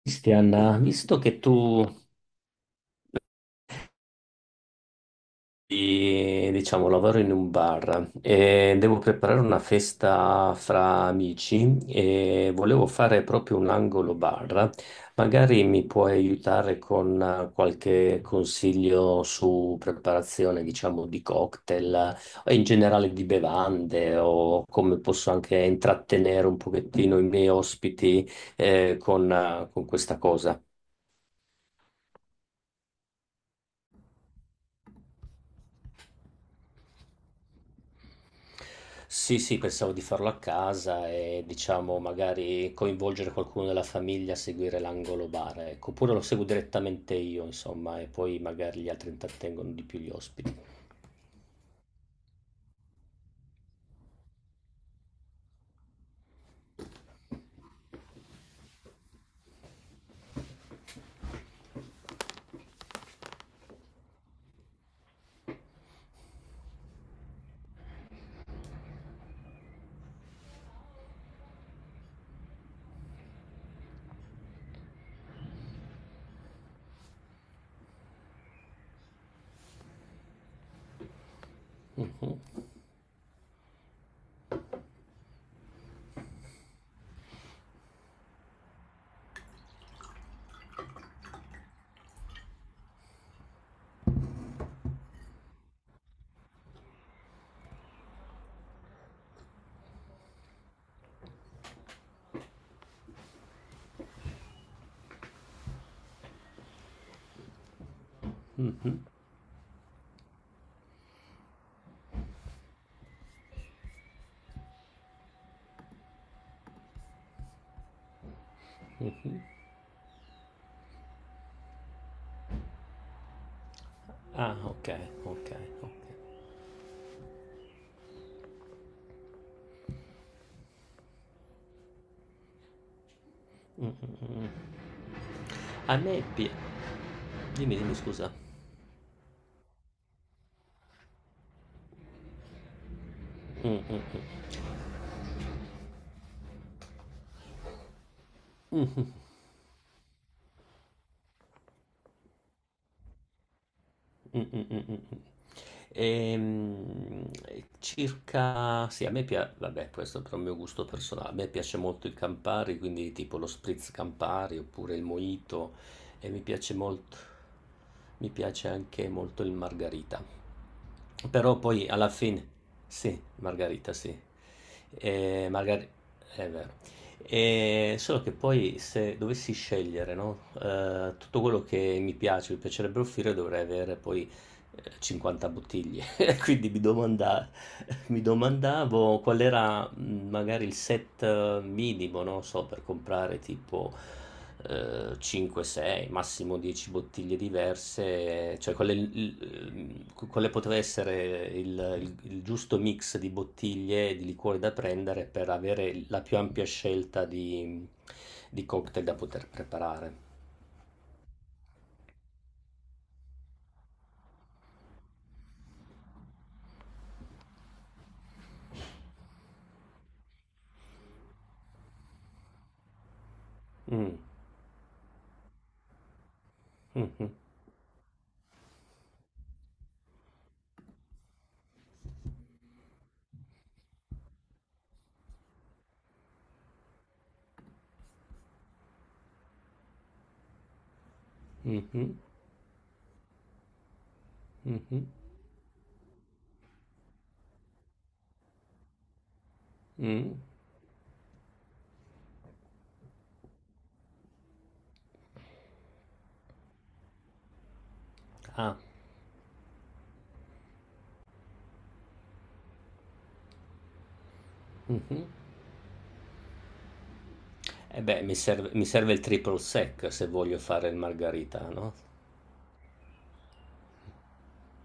Cristian, visto che tu, diciamo, lavoro in un bar e devo preparare una festa fra amici e volevo fare proprio un angolo bar, magari mi puoi aiutare con qualche consiglio su preparazione, diciamo, di cocktail, o in generale di bevande o come posso anche intrattenere un pochettino i miei ospiti, con questa cosa. Sì, sì, pensavo di farlo a casa e diciamo magari coinvolgere qualcuno della famiglia a seguire l'angolo bar, ecco, oppure lo seguo direttamente io, insomma, e poi magari gli altri intrattengono di più gli ospiti. Mhm, mhm, mhm. Ah, ok, ok, ok. Mm, mm, mm. A me pi- Dimmi, dimmi, scusa. Mm, mm, mm. Mm, mm, mm, mm, mm. Ehm, circa, sì, a me piace, vabbè, questo è per il mio gusto personale, a me piace molto il Campari, quindi tipo lo spritz Campari oppure il mojito e mi piace molto, mi piace anche molto il margarita. Però poi alla fine, sì, margarita, sì. E margarita, e solo che poi se dovessi scegliere, no, tutto quello che mi piace, mi piacerebbe offrire, dovrei avere poi 50 bottiglie. Quindi mi domandavo qual era, magari il set minimo, non so, per comprare tipo 5-6, massimo 10 bottiglie diverse, cioè quale, quale poteva essere il giusto mix di bottiglie e di liquori da prendere per avere la più ampia scelta di cocktail da poter preparare. Mm, mhm, mhm, mhm, mm. Ah, mhm. Eh beh, mi serve il triple sec se voglio fare il margaritano.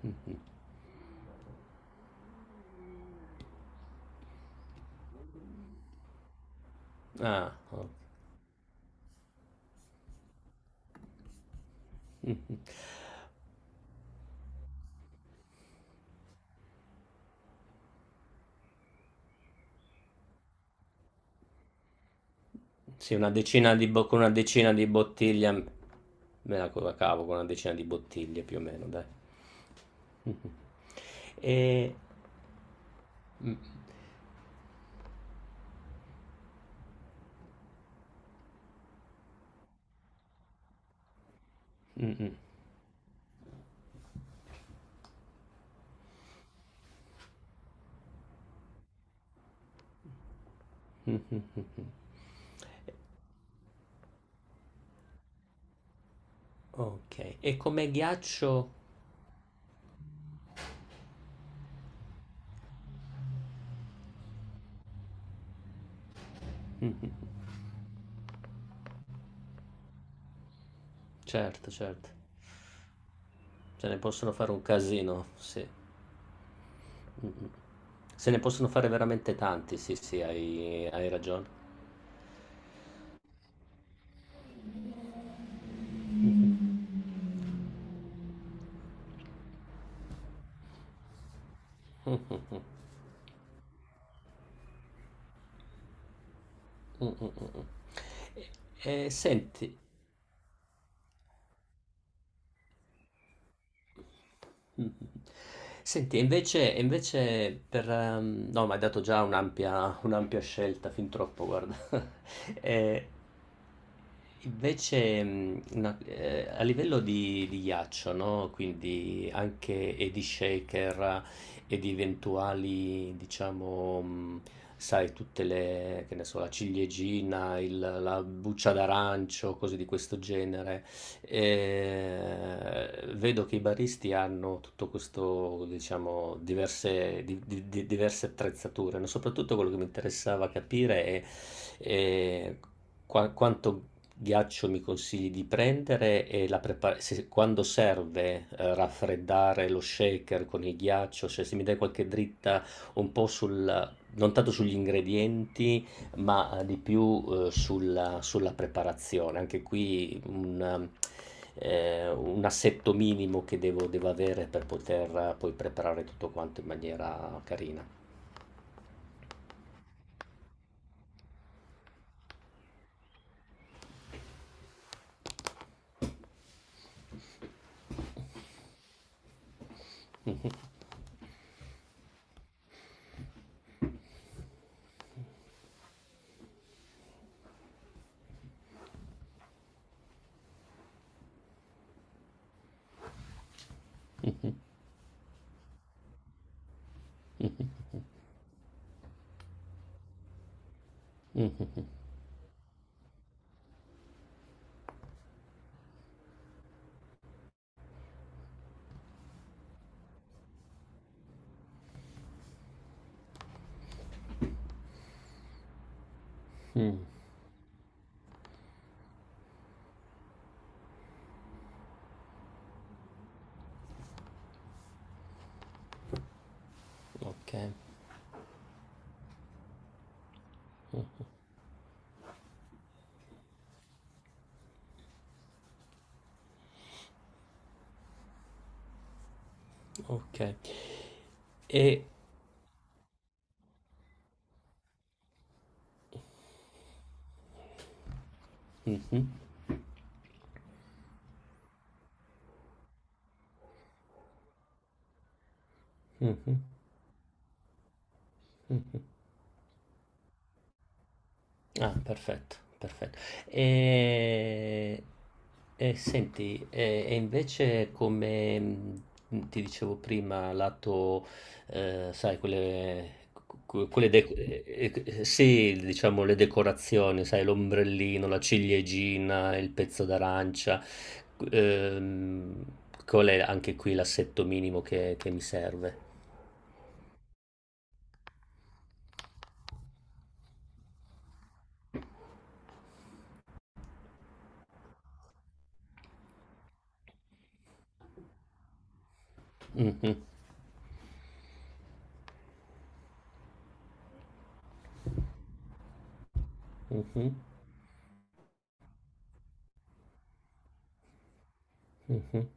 Mh. Ah, o mh-mh. Sì, una decina di bo con una decina di bottiglie, m me la co la cavo con una decina di bottiglie più o meno, dai. Mh-mh. E mh, mh-mh, mh-mh, mh-mh. Okay, e come ghiaccio, mh, certo, certo. Se ne possono fare un casino, sì. Mh-mh. Se ne possono fare veramente tanti, sì, sì, hai ragione. Mh. Mm, mm, mm. E senti, mm. Mm. Senti, e invece per, no, mi hai dato già un'ampia scelta, fin troppo, guarda. Eh, Invece, a livello di ghiaccio, no? Quindi anche e di shaker e di eventuali, diciamo, sai, tutte le, che ne so, la ciliegina, la buccia d'arancio, cose di questo genere. Vedo che i baristi hanno tutto questo, diciamo, diverse, diverse attrezzature, no? Soprattutto quello che mi interessava capire è, eh, quanto ghiaccio mi consigli di prendere e la quando serve, raffreddare lo shaker con il ghiaccio, cioè se mi dai qualche dritta un po' sul, non tanto sugli ingredienti, ma di più, sulla preparazione. Anche qui un assetto minimo che devo avere per poter, poi preparare tutto quanto in maniera carina. Mh, okay, okay. E Mh-mh. Mh-mh, mh. Ah, perfetto, perfetto. E, e senti, e invece come, ti dicevo prima, lato, sai, quelle, que- quelle de- eh, sì, diciamo le decorazioni, sai, l'ombrellino, la ciliegina, il pezzo d'arancia, ehm, qual è anche qui l'assetto minimo che mi serve? Mhm, mhm, mhm,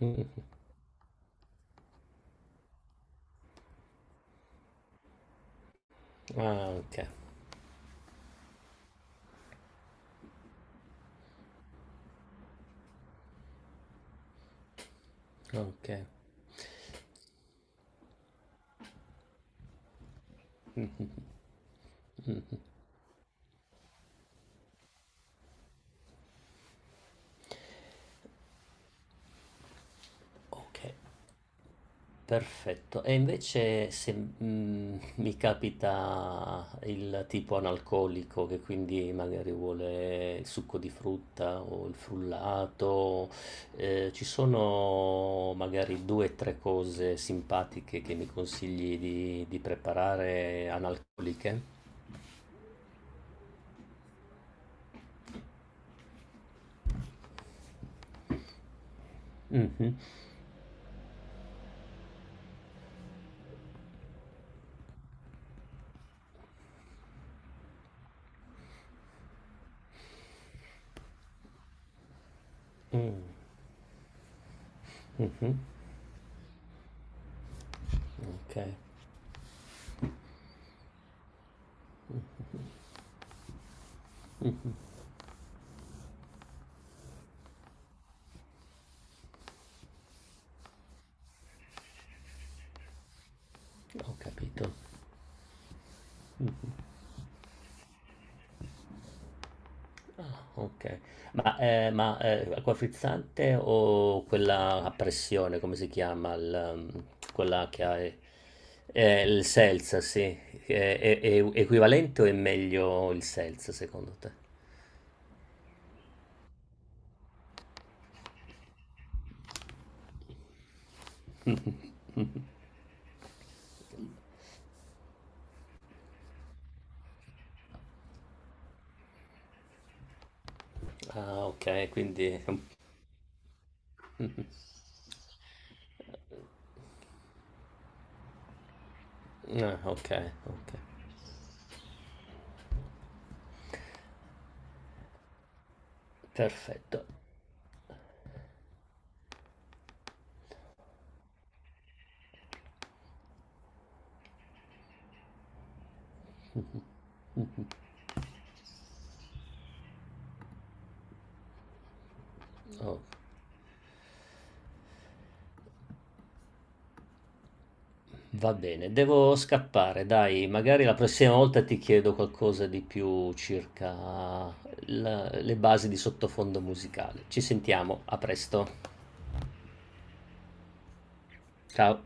mhm. Ah, ok, ok. Ok, perfetto. E invece se, mi capita il tipo analcolico che quindi magari vuole il succo di frutta o il frullato, ci sono magari due o tre cose simpatiche che mi consigli di preparare analcoliche? Mhm, mhm, ok, Mm, ho capito. Ah, ok. Ma acqua frizzante o quella a pressione, come si chiama? Quella che ha il seltz, sì. È equivalente o è meglio il seltz, secondo te? Ah, ok, quindi. Ah, ok, ok. Perfetto. Ok. Va bene, devo scappare, dai, magari la prossima volta ti chiedo qualcosa di più circa le basi di sottofondo musicale. Ci sentiamo, a presto. Ciao.